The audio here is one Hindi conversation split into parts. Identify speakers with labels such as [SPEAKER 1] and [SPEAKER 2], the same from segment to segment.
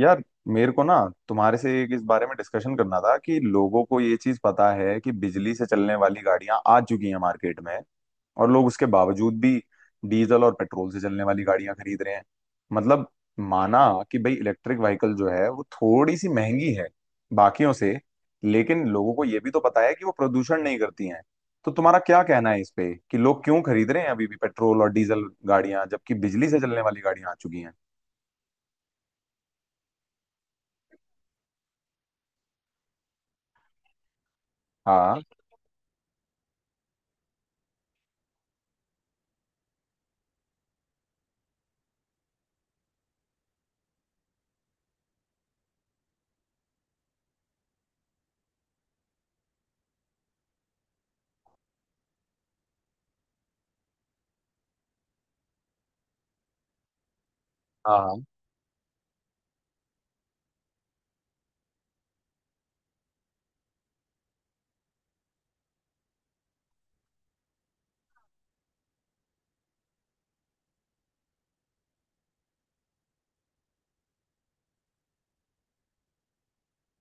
[SPEAKER 1] यार, मेरे को ना तुम्हारे से एक इस बारे में डिस्कशन करना था कि लोगों को ये चीज पता है कि बिजली से चलने वाली गाड़ियां आ चुकी हैं मार्केट में। और लोग उसके बावजूद भी डीजल और पेट्रोल से चलने वाली गाड़ियां खरीद रहे हैं। मतलब माना कि भाई इलेक्ट्रिक व्हीकल जो है वो थोड़ी सी महंगी है बाकियों से, लेकिन लोगों को ये भी तो पता है कि वो प्रदूषण नहीं करती हैं। तो तुम्हारा क्या कहना है इस पे कि लोग क्यों खरीद रहे हैं अभी भी पेट्रोल और डीजल गाड़ियां जबकि बिजली से चलने वाली गाड़ियां आ चुकी हैं? हाँ हाँ हाँ।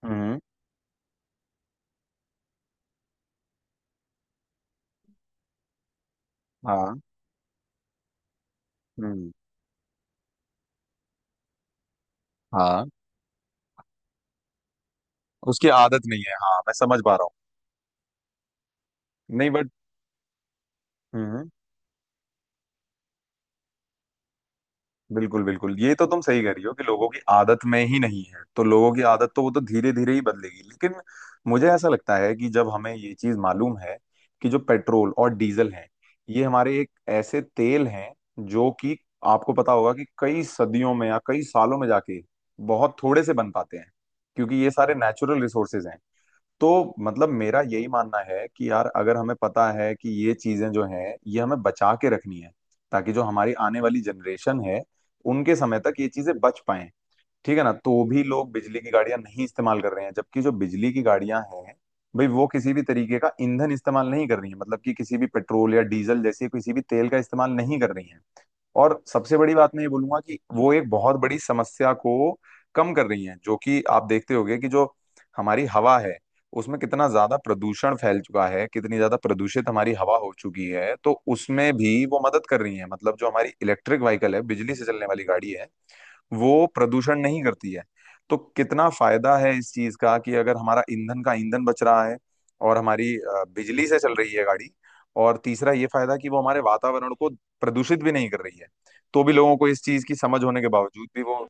[SPEAKER 1] हम्म। हाँ। हम्म। हाँ। उसकी आदत नहीं है। हाँ, मैं समझ पा रहा हूँ। नहीं, बट हम्म हम्म। बिल्कुल बिल्कुल, ये तो तुम सही कह रही हो कि लोगों की आदत में ही नहीं है, तो लोगों की आदत तो वो तो धीरे धीरे ही बदलेगी। लेकिन मुझे ऐसा लगता है कि जब हमें ये चीज मालूम है कि जो पेट्रोल और डीजल है, ये हमारे एक ऐसे तेल हैं जो कि आपको पता होगा कि कई सदियों में या कई सालों में जाके बहुत थोड़े से बन पाते हैं, क्योंकि ये सारे नेचुरल रिसोर्सेज हैं। तो मतलब मेरा यही मानना है कि यार, अगर हमें पता है कि ये चीजें जो हैं ये हमें बचा के रखनी है, ताकि जो हमारी आने वाली जनरेशन है उनके समय तक ये चीजें बच पाएं। ठीक है ना, तो भी लोग बिजली की गाड़ियां नहीं इस्तेमाल कर रहे हैं, जबकि जो बिजली की गाड़ियां हैं, भाई वो किसी भी तरीके का ईंधन इस्तेमाल नहीं कर रही है, मतलब कि किसी भी पेट्रोल या डीजल जैसे किसी भी तेल का इस्तेमाल नहीं कर रही है। और सबसे बड़ी बात मैं ये बोलूंगा कि वो एक बहुत बड़ी समस्या को कम कर रही हैं, जो कि आप देखते होंगे कि जो हमारी हवा है उसमें कितना ज्यादा प्रदूषण फैल चुका है, कितनी ज्यादा प्रदूषित हमारी हवा हो चुकी है, तो उसमें भी वो मदद कर रही है। मतलब जो हमारी इलेक्ट्रिक व्हीकल है, बिजली से चलने वाली गाड़ी है, वो प्रदूषण नहीं करती है। तो कितना फायदा है इस चीज का कि अगर हमारा ईंधन का ईंधन बच रहा है, और हमारी बिजली से चल रही है गाड़ी, और तीसरा ये फायदा कि वो हमारे वातावरण को प्रदूषित भी नहीं कर रही है। तो भी लोगों को इस चीज की समझ होने के बावजूद भी वो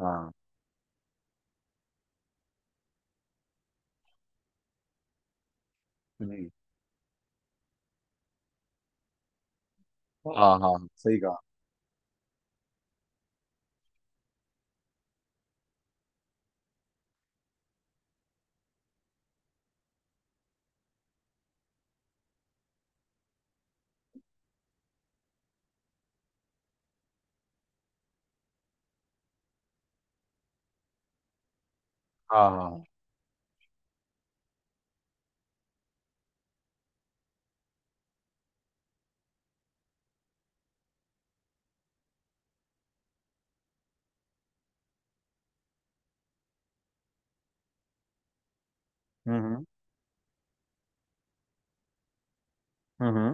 [SPEAKER 1] हाँ जी। हाँ हाँ हाँ, सही कहा। हाँ हाँ हाँ। हम्म। हम्म।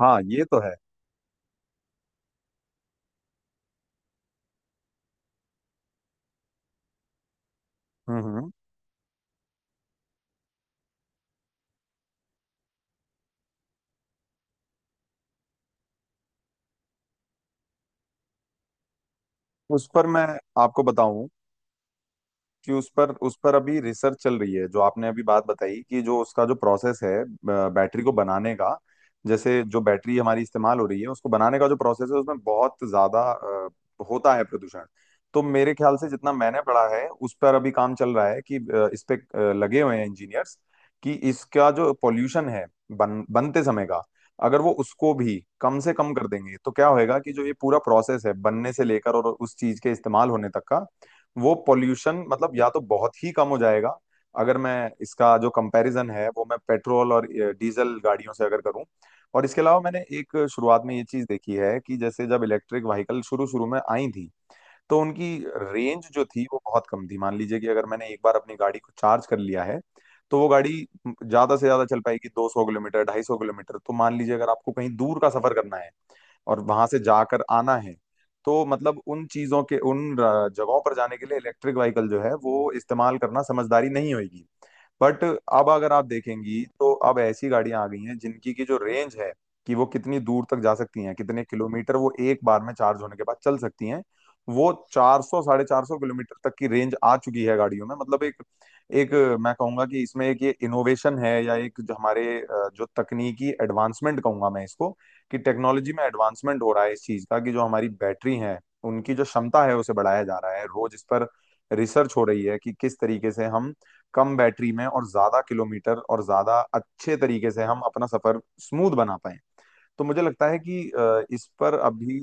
[SPEAKER 1] हाँ, ये तो है। हम्म हम्म। उस पर मैं आपको बताऊं कि उस पर अभी रिसर्च चल रही है, जो आपने अभी बात बताई कि जो उसका जो प्रोसेस है, बैटरी को बनाने का, जैसे जो बैटरी हमारी इस्तेमाल हो रही है उसको बनाने का जो प्रोसेस है उसमें बहुत ज्यादा होता है प्रदूषण। तो मेरे ख्याल से जितना मैंने पढ़ा है, उस पर अभी काम चल रहा है कि इस पे लगे हुए हैं इंजीनियर्स, कि इसका जो पॉल्यूशन है बनते समय का, अगर वो उसको भी कम से कम कर देंगे तो क्या होएगा कि जो ये पूरा प्रोसेस है बनने से लेकर और उस चीज के इस्तेमाल होने तक का, वो पॉल्यूशन मतलब या तो बहुत ही कम हो जाएगा, अगर मैं इसका जो कंपैरिजन है वो मैं पेट्रोल और डीजल गाड़ियों से अगर करूं। और इसके अलावा मैंने एक शुरुआत में ये चीज देखी है कि जैसे जब इलेक्ट्रिक व्हीकल शुरू शुरू में आई थी, तो उनकी रेंज जो थी वो बहुत कम थी। मान लीजिए कि अगर मैंने एक बार अपनी गाड़ी को चार्ज कर लिया है, तो वो गाड़ी ज्यादा से ज्यादा चल पाएगी 200 किलोमीटर, 250 किलोमीटर। तो मान लीजिए अगर आपको कहीं दूर का सफर करना है और वहां से जाकर आना है, तो मतलब उन चीजों के, उन जगहों पर जाने के लिए इलेक्ट्रिक व्हीकल जो है वो इस्तेमाल करना समझदारी नहीं होगी। बट अब अगर आप देखेंगी तो अब ऐसी गाड़ियां आ गई हैं जिनकी की जो रेंज है, कि वो कितनी दूर तक जा सकती हैं, कितने किलोमीटर वो एक बार में चार्ज होने के बाद चल सकती हैं, वो 400 450 किलोमीटर तक की रेंज आ चुकी है गाड़ियों में। मतलब एक एक मैं कहूंगा कि इसमें एक ये इनोवेशन है, या एक जो हमारे जो तकनीकी एडवांसमेंट कहूंगा मैं इसको, कि टेक्नोलॉजी में एडवांसमेंट हो रहा है इस चीज का, कि जो हमारी बैटरी है उनकी जो क्षमता है उसे बढ़ाया जा रहा है। रोज इस पर रिसर्च हो रही है कि किस तरीके से हम कम बैटरी में और ज्यादा किलोमीटर और ज्यादा अच्छे तरीके से हम अपना सफर स्मूथ बना पाए। तो मुझे लगता है कि इस पर अभी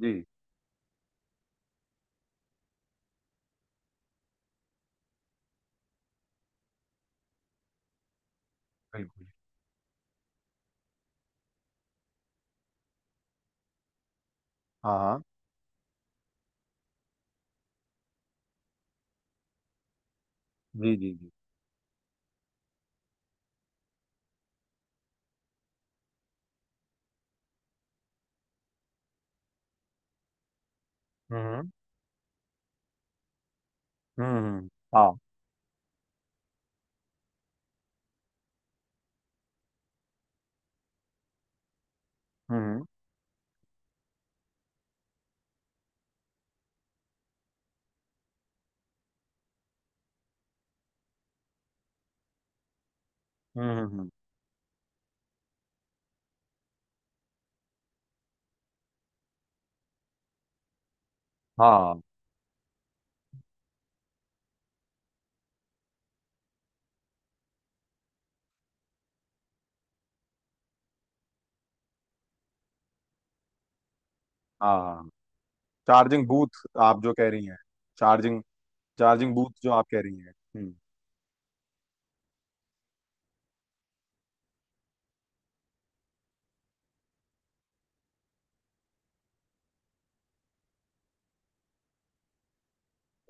[SPEAKER 1] जी। बिल्कुल। हाँ हाँ। जी जी जी। हम्म हम्म हम्म, हाँ। हम्म हम्म हम्म, हाँ हाँ, चार्जिंग बूथ आप जो कह रही हैं। चार्जिंग, चार्जिंग बूथ जो आप कह रही हैं। हम्म।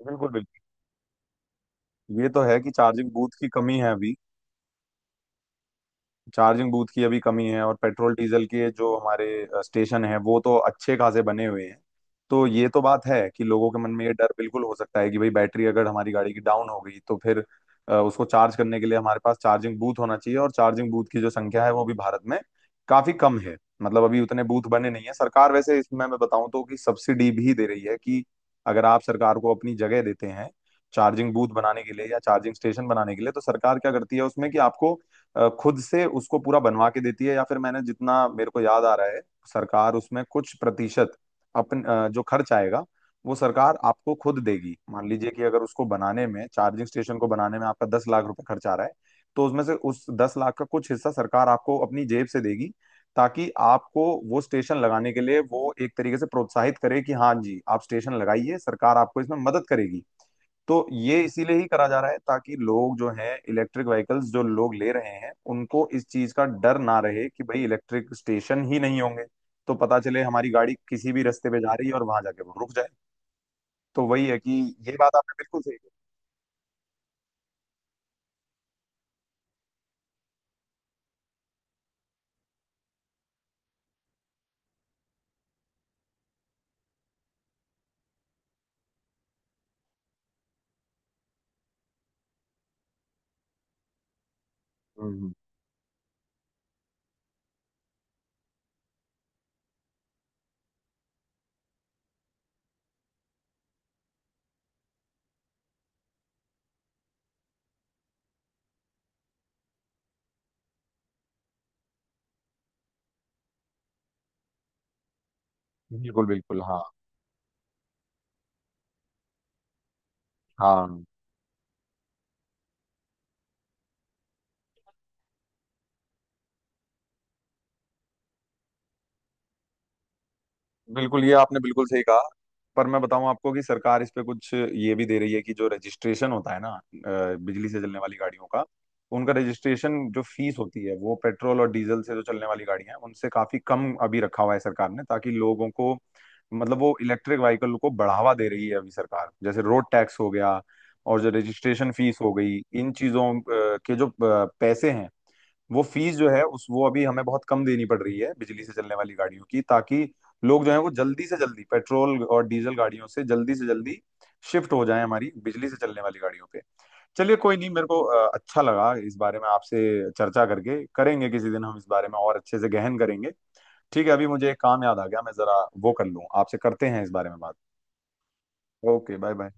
[SPEAKER 1] बिल्कुल बिल्कुल, ये तो है कि चार्जिंग बूथ की कमी है अभी। चार्जिंग बूथ की अभी कमी है, और पेट्रोल डीजल के जो हमारे स्टेशन हैं वो तो अच्छे खासे बने हुए हैं। तो ये तो बात है कि लोगों के मन में ये डर बिल्कुल हो सकता है कि भाई बैटरी अगर हमारी गाड़ी की डाउन हो गई तो फिर उसको चार्ज करने के लिए हमारे पास चार्जिंग बूथ होना चाहिए। और चार्जिंग बूथ की जो संख्या है वो भी भारत में काफी कम है। मतलब अभी उतने बूथ बने नहीं है। सरकार वैसे इसमें मैं बताऊं तो कि सब्सिडी भी दे रही है कि अगर आप सरकार को अपनी जगह देते हैं चार्जिंग बूथ बनाने के लिए या चार्जिंग स्टेशन बनाने के लिए, तो सरकार क्या करती है उसमें, कि आपको खुद से उसको पूरा बनवा के देती है, या फिर मैंने जितना मेरे को याद आ रहा है, सरकार उसमें कुछ प्रतिशत जो खर्च आएगा वो सरकार आपको खुद देगी। मान लीजिए कि अगर उसको बनाने में, चार्जिंग स्टेशन को बनाने में आपका 10 लाख रुपए खर्च आ रहा है, तो उसमें से उस 10 लाख का कुछ हिस्सा सरकार आपको अपनी जेब से देगी, ताकि आपको वो स्टेशन लगाने के लिए वो एक तरीके से प्रोत्साहित करे कि हाँ जी, आप स्टेशन लगाइए, सरकार आपको इसमें मदद करेगी। तो ये इसीलिए ही करा जा रहा है ताकि लोग जो हैं, इलेक्ट्रिक व्हीकल्स जो लोग ले रहे हैं, उनको इस चीज का डर ना रहे कि भाई इलेक्ट्रिक स्टेशन ही नहीं होंगे, तो पता चले हमारी गाड़ी किसी भी रास्ते पे जा रही है और वहां जाके वो रुक जाए। तो वही है कि ये बात आपने बिल्कुल सही कही। हम्म, बिल्कुल बिल्कुल। हाँ हाँ, बिल्कुल, ये आपने बिल्कुल सही कहा। पर मैं बताऊं आपको कि सरकार इस पे कुछ ये भी दे रही है, कि जो रजिस्ट्रेशन होता है ना बिजली से चलने वाली गाड़ियों का, उनका रजिस्ट्रेशन जो फीस होती है वो पेट्रोल और डीजल से जो चलने वाली गाड़ियां हैं उनसे काफी कम अभी रखा हुआ है सरकार ने, ताकि लोगों को, मतलब वो इलेक्ट्रिक व्हीकल को बढ़ावा दे रही है अभी सरकार। जैसे रोड टैक्स हो गया, और जो रजिस्ट्रेशन फीस हो गई, इन चीजों के जो पैसे हैं, वो फीस जो है उस वो अभी हमें बहुत कम देनी पड़ रही है बिजली से चलने वाली गाड़ियों की, ताकि लोग जो है वो जल्दी से जल्दी पेट्रोल और डीजल गाड़ियों से जल्दी शिफ्ट हो जाए हमारी बिजली से चलने वाली गाड़ियों पे। चलिए कोई नहीं, मेरे को अच्छा लगा इस बारे में आपसे चर्चा करके। करेंगे किसी दिन हम इस बारे में और अच्छे से गहन करेंगे। ठीक है, अभी मुझे एक काम याद आ गया, मैं जरा वो कर लूँ, आपसे करते हैं इस बारे में बात। Okay, bye bye.